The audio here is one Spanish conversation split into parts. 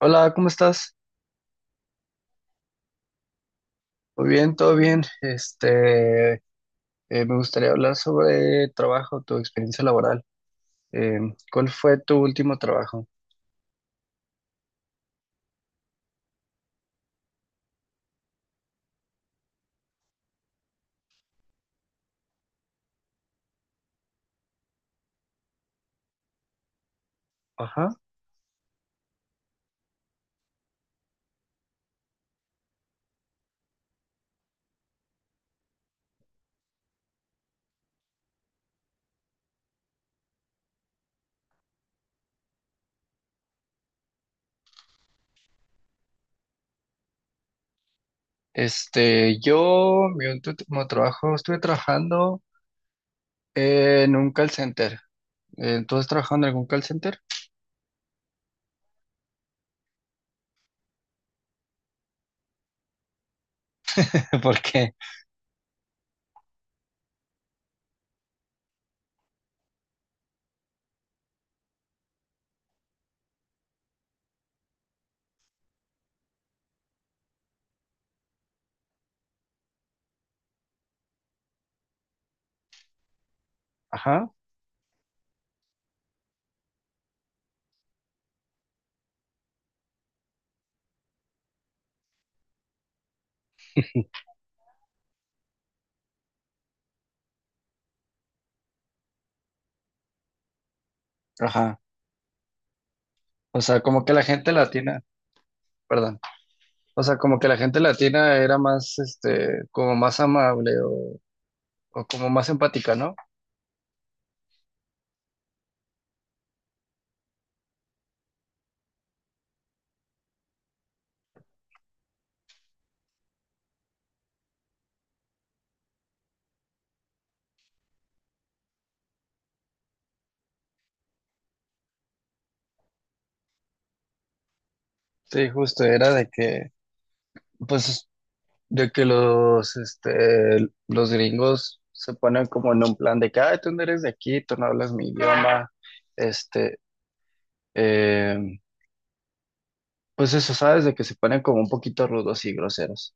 Hola, ¿cómo estás? Muy bien, todo bien. Me gustaría hablar sobre trabajo, tu experiencia laboral. Eh, ¿Cuál fue tu último trabajo? Ajá. Mi último trabajo, estuve trabajando en un call center. ¿Tú has trabajado en algún call center? ¿Por qué? Ajá, ajá. O sea, como que la gente latina, perdón. O sea, como que la gente latina era más, como más amable o como más empática, ¿no? Sí, justo, era de que pues de que los, los gringos se ponen como en un plan de que, "Ay, tú no eres de aquí, tú no hablas mi idioma, este, eh, pues eso, ¿sabes? De que se ponen como un poquito rudos y groseros.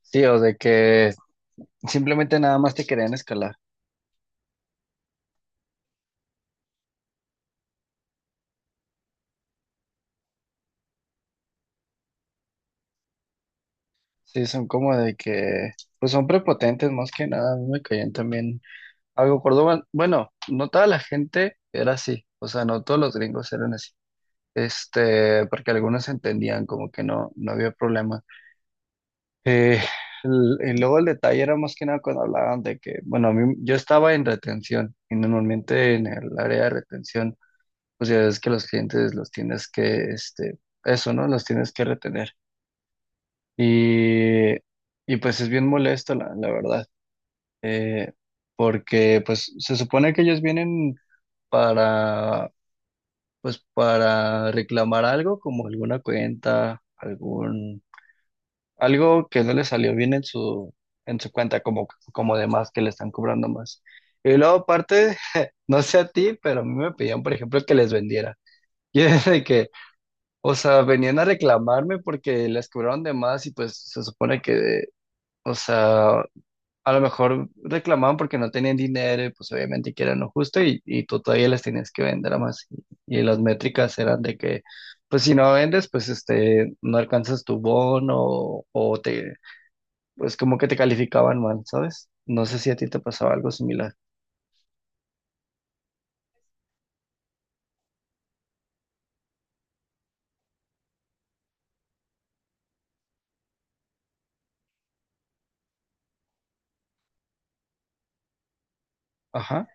Sí, o de que simplemente nada más te querían escalar. Sí, son como de que, pues son prepotentes más que nada, a mí me caían también algo Córdoba. Bueno, no toda la gente era así, o sea, no todos los gringos eran así, porque algunos entendían como que no, no había problema. Eh, y luego el detalle era más que nada cuando hablaban de que, bueno, yo estaba en retención y normalmente en el área de retención, pues ya ves que los clientes los tienes que, eso, ¿no? Los tienes que retener. Y, y pues es bien molesto, la verdad, eh, porque pues se supone que ellos vienen para, pues para reclamar algo como alguna cuenta, algún algo que no le salió bien en su cuenta, como, como de más, que le están cobrando más. Y luego aparte, no sé a ti, pero a mí me pedían, por ejemplo, que les vendiera. Y es de que, o sea, venían a reclamarme porque les cobraron de más y pues se supone que, o sea, a lo mejor reclamaban porque no tenían dinero y pues obviamente que era lo justo y tú todavía les tenías que vender a más. Y las métricas eran de que, pues si no vendes, pues no alcanzas tu bono o te, pues como que te calificaban mal, ¿sabes? No sé si a ti te pasaba algo similar. Ajá.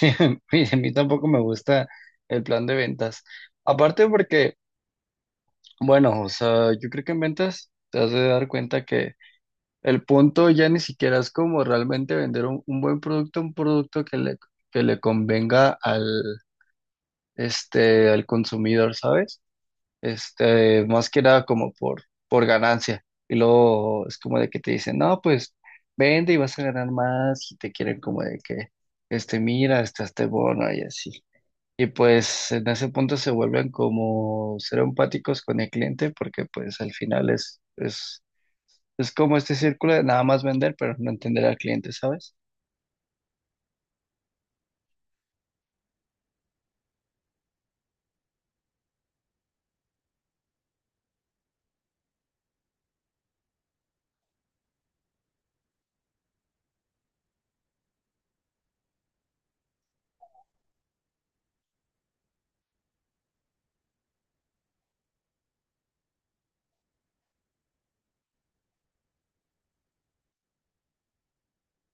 Y a mí tampoco me gusta el plan de ventas. Aparte porque, bueno, o sea, yo creo que en ventas te has de dar cuenta que el punto ya ni siquiera es como realmente vender un buen producto, un producto que le convenga al, al consumidor, ¿sabes? Más que nada como por ganancia. Y luego es como de que te dicen, no, pues vende y vas a ganar más y te quieren como de que, mira, está este bono y así. Y pues en ese punto se vuelven como ser empáticos con el cliente porque pues al final es como este círculo de nada más vender pero no entender al cliente, ¿sabes?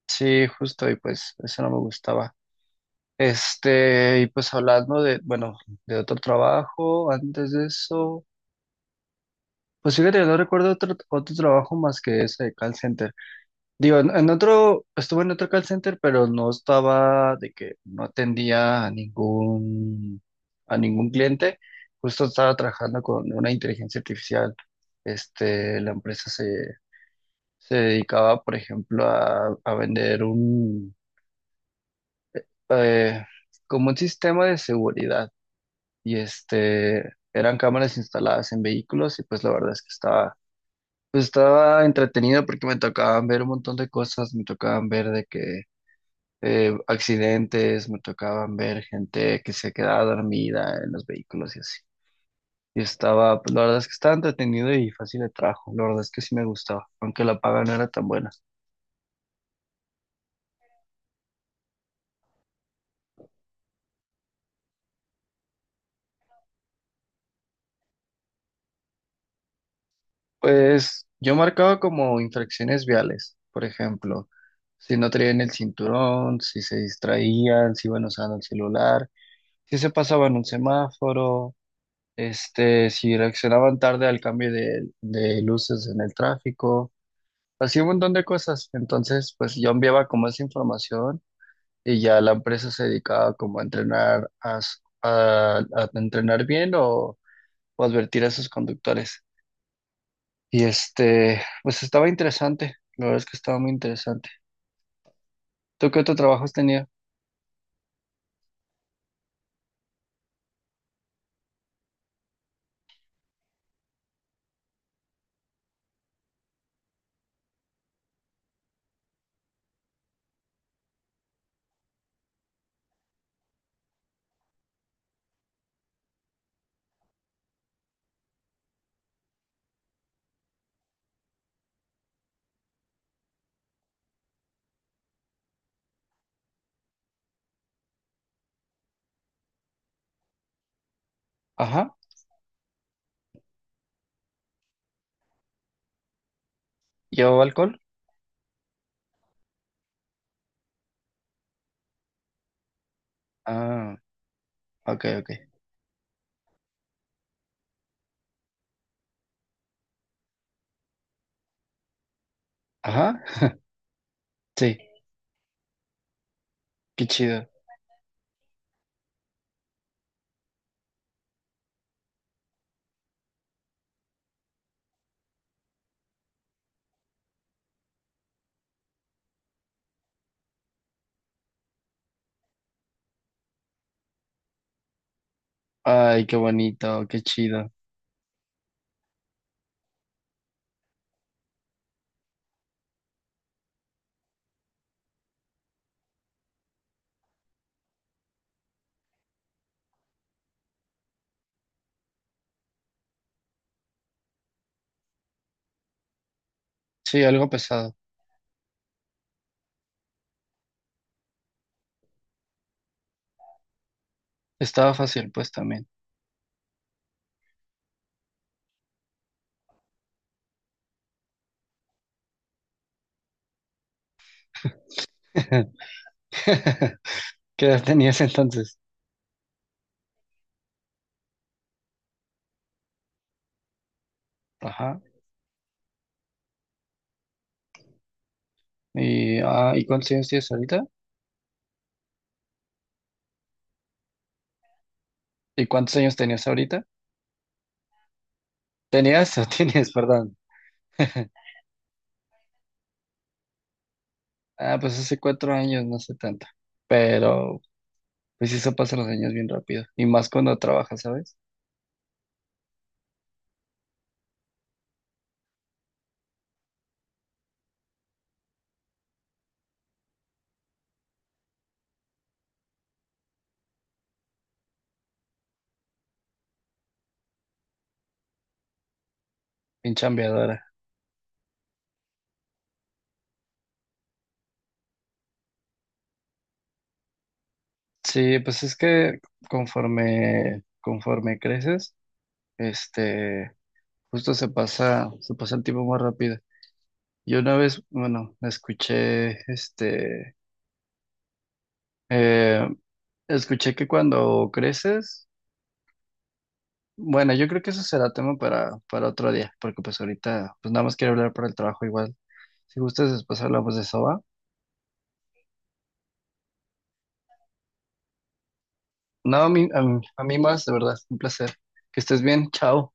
Sí, justo, y pues eso no me gustaba. Y pues hablando de, bueno, de otro trabajo, antes de eso, pues fíjate, no recuerdo otro, otro trabajo más que ese de call center. Digo, en otro, estuve en otro call center, pero no estaba de que no atendía a ningún cliente. Justo estaba trabajando con una inteligencia artificial. La empresa se dedicaba, por ejemplo, a vender un, eh, como un sistema de seguridad. Y este, eran cámaras instaladas en vehículos y pues la verdad es que estaba, pues estaba entretenido porque me tocaban ver un montón de cosas, me tocaban ver de que accidentes, me tocaban ver gente que se quedaba dormida en los vehículos y así. Y estaba, pues la verdad es que estaba entretenido y fácil de trabajo, la verdad es que sí me gustaba, aunque la paga no era tan buena. Pues yo marcaba como infracciones viales, por ejemplo, si no traían el cinturón, si se distraían, si iban usando el celular, si se pasaban un semáforo, si reaccionaban tarde al cambio de luces en el tráfico, así un montón de cosas. Entonces, pues yo enviaba como esa información y ya la empresa se dedicaba como a entrenar, a entrenar bien o advertir a sus conductores. Y este, pues estaba interesante, la verdad es que estaba muy interesante. ¿Tú qué otro trabajo has tenido? Ajá, ¿llevaba alcohol? Ah, ok, ok. Ajá, sí, qué chido. Ay, qué bonito, qué chido. Sí, algo pesado. Estaba fácil, pues también. ¿Qué edad tenías entonces? Ajá. ¿Y cuántos años tienes ahorita? ¿Y cuántos años tenías ahorita? ¿Tenías o tienes, perdón? Ah, pues hace 4 años, no sé tanto. Pero, pues eso pasa los años bien rápido. Y más cuando trabajas, ¿sabes? Bien chambeadora. Sí, pues es que conforme, conforme creces, este, justo se pasa el tiempo más rápido. Yo una vez, bueno, escuché, eh, escuché que cuando creces, bueno, yo creo que eso será tema para otro día, porque pues ahorita, pues nada más quiero hablar por el trabajo igual. Si gustas, después hablamos de eso, ¿va? No, a mí, a mí, a mí más, de verdad, un placer. Que estés bien, chao.